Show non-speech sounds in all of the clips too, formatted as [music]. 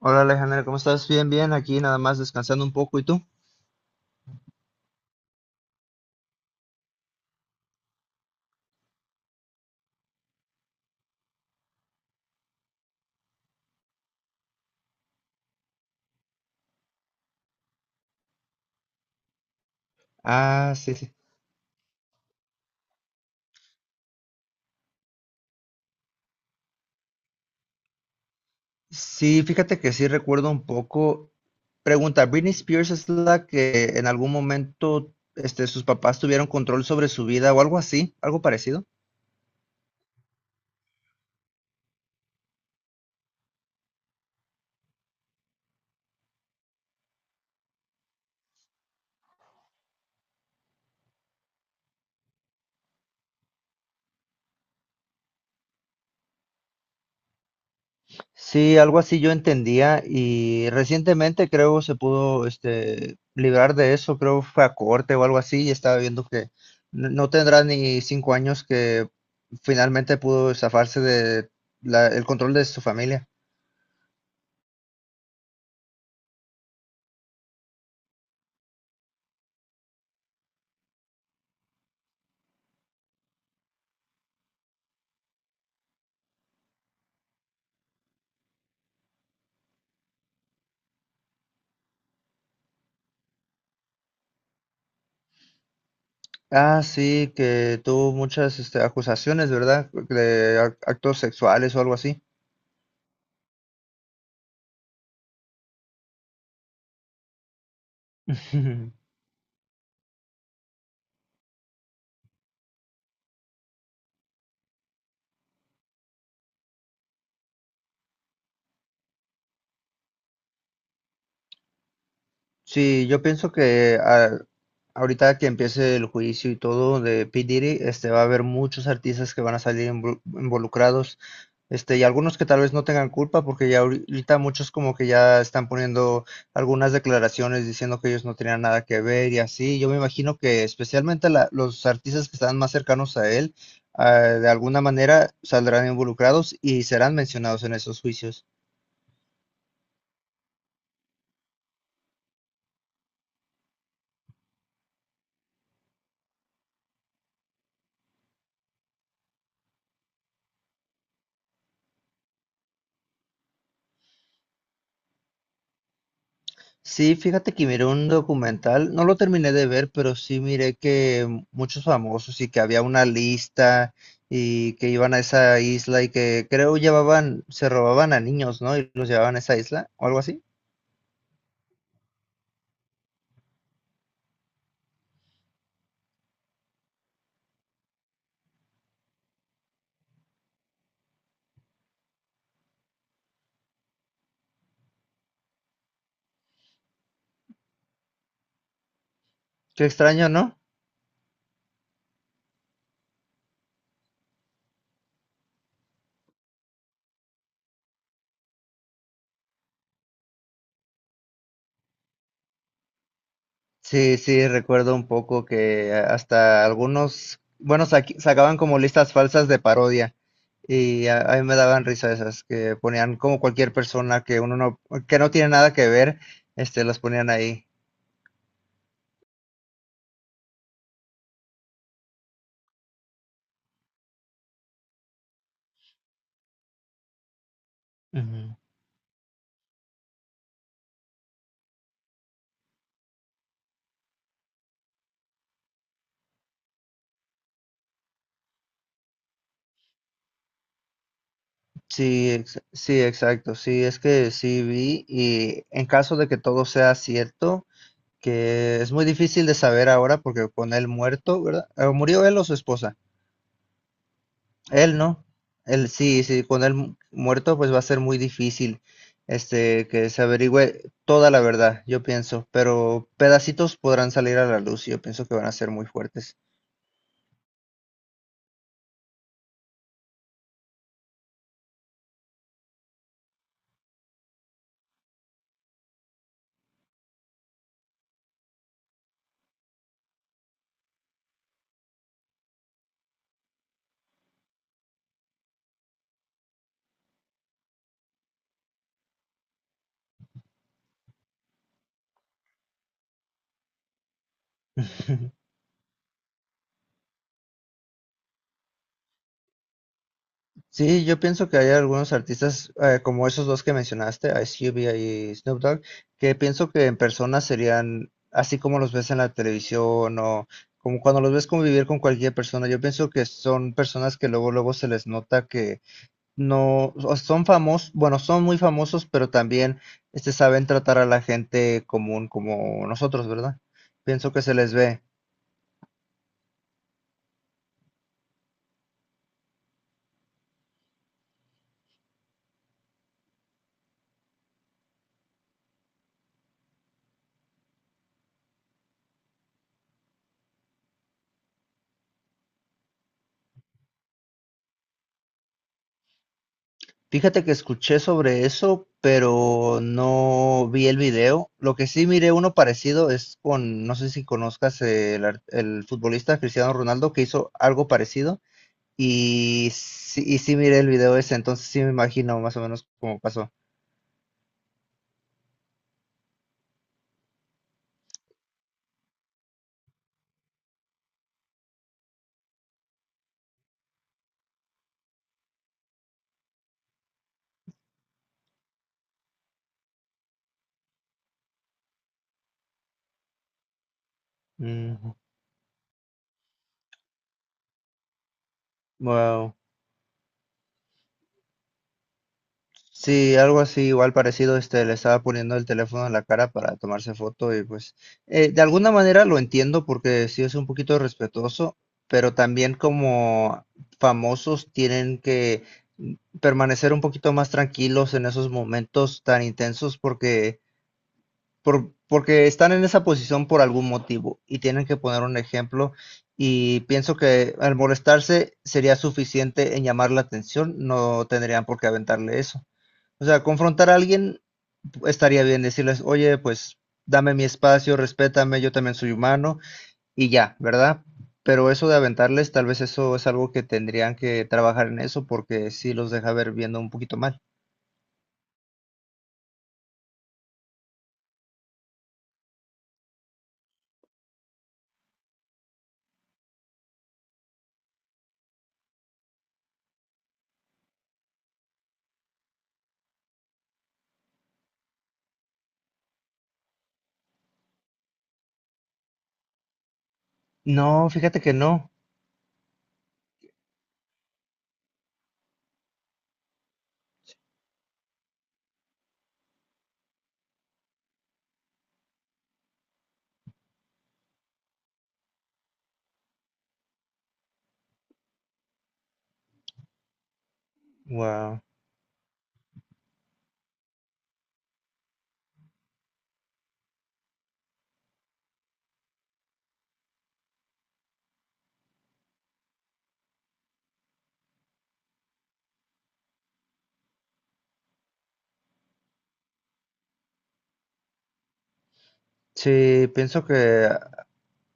Hola Alejandra, ¿cómo estás? Bien, aquí nada más descansando un poco. ¿Y tú? Ah, sí, sí. Sí, fíjate que sí recuerdo un poco. Pregunta, ¿Britney Spears es la que en algún momento sus papás tuvieron control sobre su vida o algo así? ¿Algo parecido? Sí, algo así yo entendía y recientemente creo se pudo librar de eso, creo fue a corte o algo así y estaba viendo que no tendrá ni 5 años que finalmente pudo zafarse de el control de su familia. Ah, sí, que tuvo muchas acusaciones, ¿verdad? De actos sexuales o algo así. [laughs] Sí, yo pienso que ahorita que empiece el juicio y todo de P. Diddy, va a haber muchos artistas que van a salir involucrados, y algunos que tal vez no tengan culpa, porque ya ahorita muchos como que ya están poniendo algunas declaraciones diciendo que ellos no tenían nada que ver y así. Yo me imagino que especialmente los artistas que están más cercanos a él, ah, de alguna manera saldrán involucrados y serán mencionados en esos juicios. Sí, fíjate que miré un documental, no lo terminé de ver, pero sí miré que muchos famosos y que había una lista y que iban a esa isla y que creo llevaban, se robaban a niños, ¿no? Y los llevaban a esa isla o algo así. Qué extraño, ¿no? Sí, sí, recuerdo un poco que hasta algunos, bueno, sacaban como listas falsas de parodia y a mí me daban risa esas, que ponían como cualquier persona que uno no, que no tiene nada que ver, las ponían ahí. Ujú. Sí, sí, exacto. Sí, es que sí vi y en caso de que todo sea cierto, que es muy difícil de saber ahora porque con él muerto, ¿verdad? ¿Murió él o su esposa? Él no. Él sí, sí, con él muerto pues va a ser muy difícil este que se averigüe toda la verdad, yo pienso, pero pedacitos podrán salir a la luz y yo pienso que van a ser muy fuertes. [laughs] Sí, yo pienso que hay algunos artistas como esos dos que mencionaste, Ice Cube y Snoop Dogg, que pienso que en persona serían así como los ves en la televisión o como cuando los ves convivir con cualquier persona. Yo pienso que son personas que luego luego se les nota que no o son famosos, bueno, son muy famosos, pero también este saben tratar a la gente común como nosotros, ¿verdad? Pienso que se les ve. Fíjate que escuché sobre eso, pero no vi el video. Lo que sí miré uno parecido es con, no sé si conozcas el, el futbolista Cristiano Ronaldo que hizo algo parecido y sí miré el video ese, entonces sí me imagino más o menos cómo pasó. Mm, wow. Sí, algo así, igual parecido, le estaba poniendo el teléfono en la cara para tomarse foto y pues de alguna manera lo entiendo porque sí es un poquito respetuoso, pero también como famosos tienen que mm, permanecer un poquito más tranquilos en esos momentos tan intensos porque, porque están en esa posición por algún motivo y tienen que poner un ejemplo y pienso que al molestarse sería suficiente en llamar la atención, no tendrían por qué aventarle eso. O sea, confrontar a alguien estaría bien, decirles, oye, pues dame mi espacio, respétame, yo también soy humano y ya, ¿verdad? Pero eso de aventarles, tal vez eso es algo que tendrían que trabajar en eso porque sí los deja ver viendo un poquito mal. No, fíjate que no. Wow. Sí, pienso que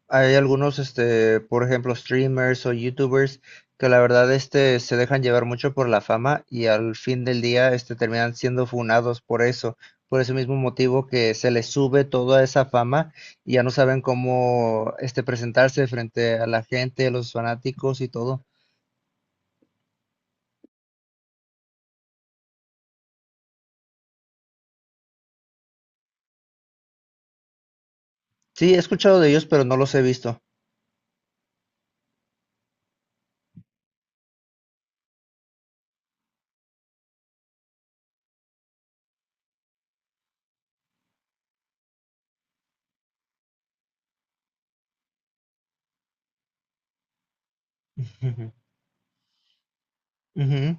hay algunos, por ejemplo, streamers o youtubers que la verdad, se dejan llevar mucho por la fama y al fin del día, terminan siendo funados por eso, por ese mismo motivo que se les sube toda esa fama y ya no saben cómo, presentarse frente a la gente, a los fanáticos y todo. Sí, he escuchado de ellos, pero no los he visto. [laughs] Ujú, ujú.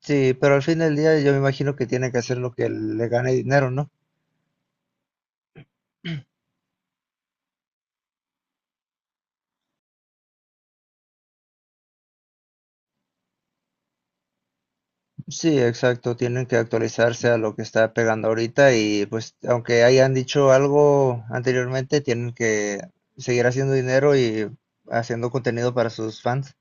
Sí, pero al fin del día yo me imagino que tiene que hacer lo que le gane dinero, ¿no? Sí, exacto, tienen que actualizarse a lo que está pegando ahorita y pues aunque hayan dicho algo anteriormente, tienen que seguir haciendo dinero y haciendo contenido para sus fans.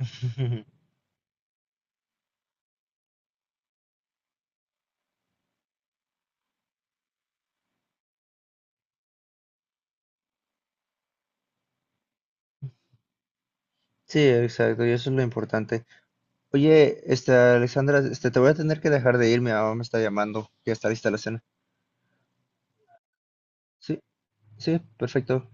[laughs] Sí, exacto, y eso es lo importante. Oye, Alexandra, te voy a tener que dejar de ir, mi mamá me está llamando, que está lista la cena. Sí, sí, perfecto.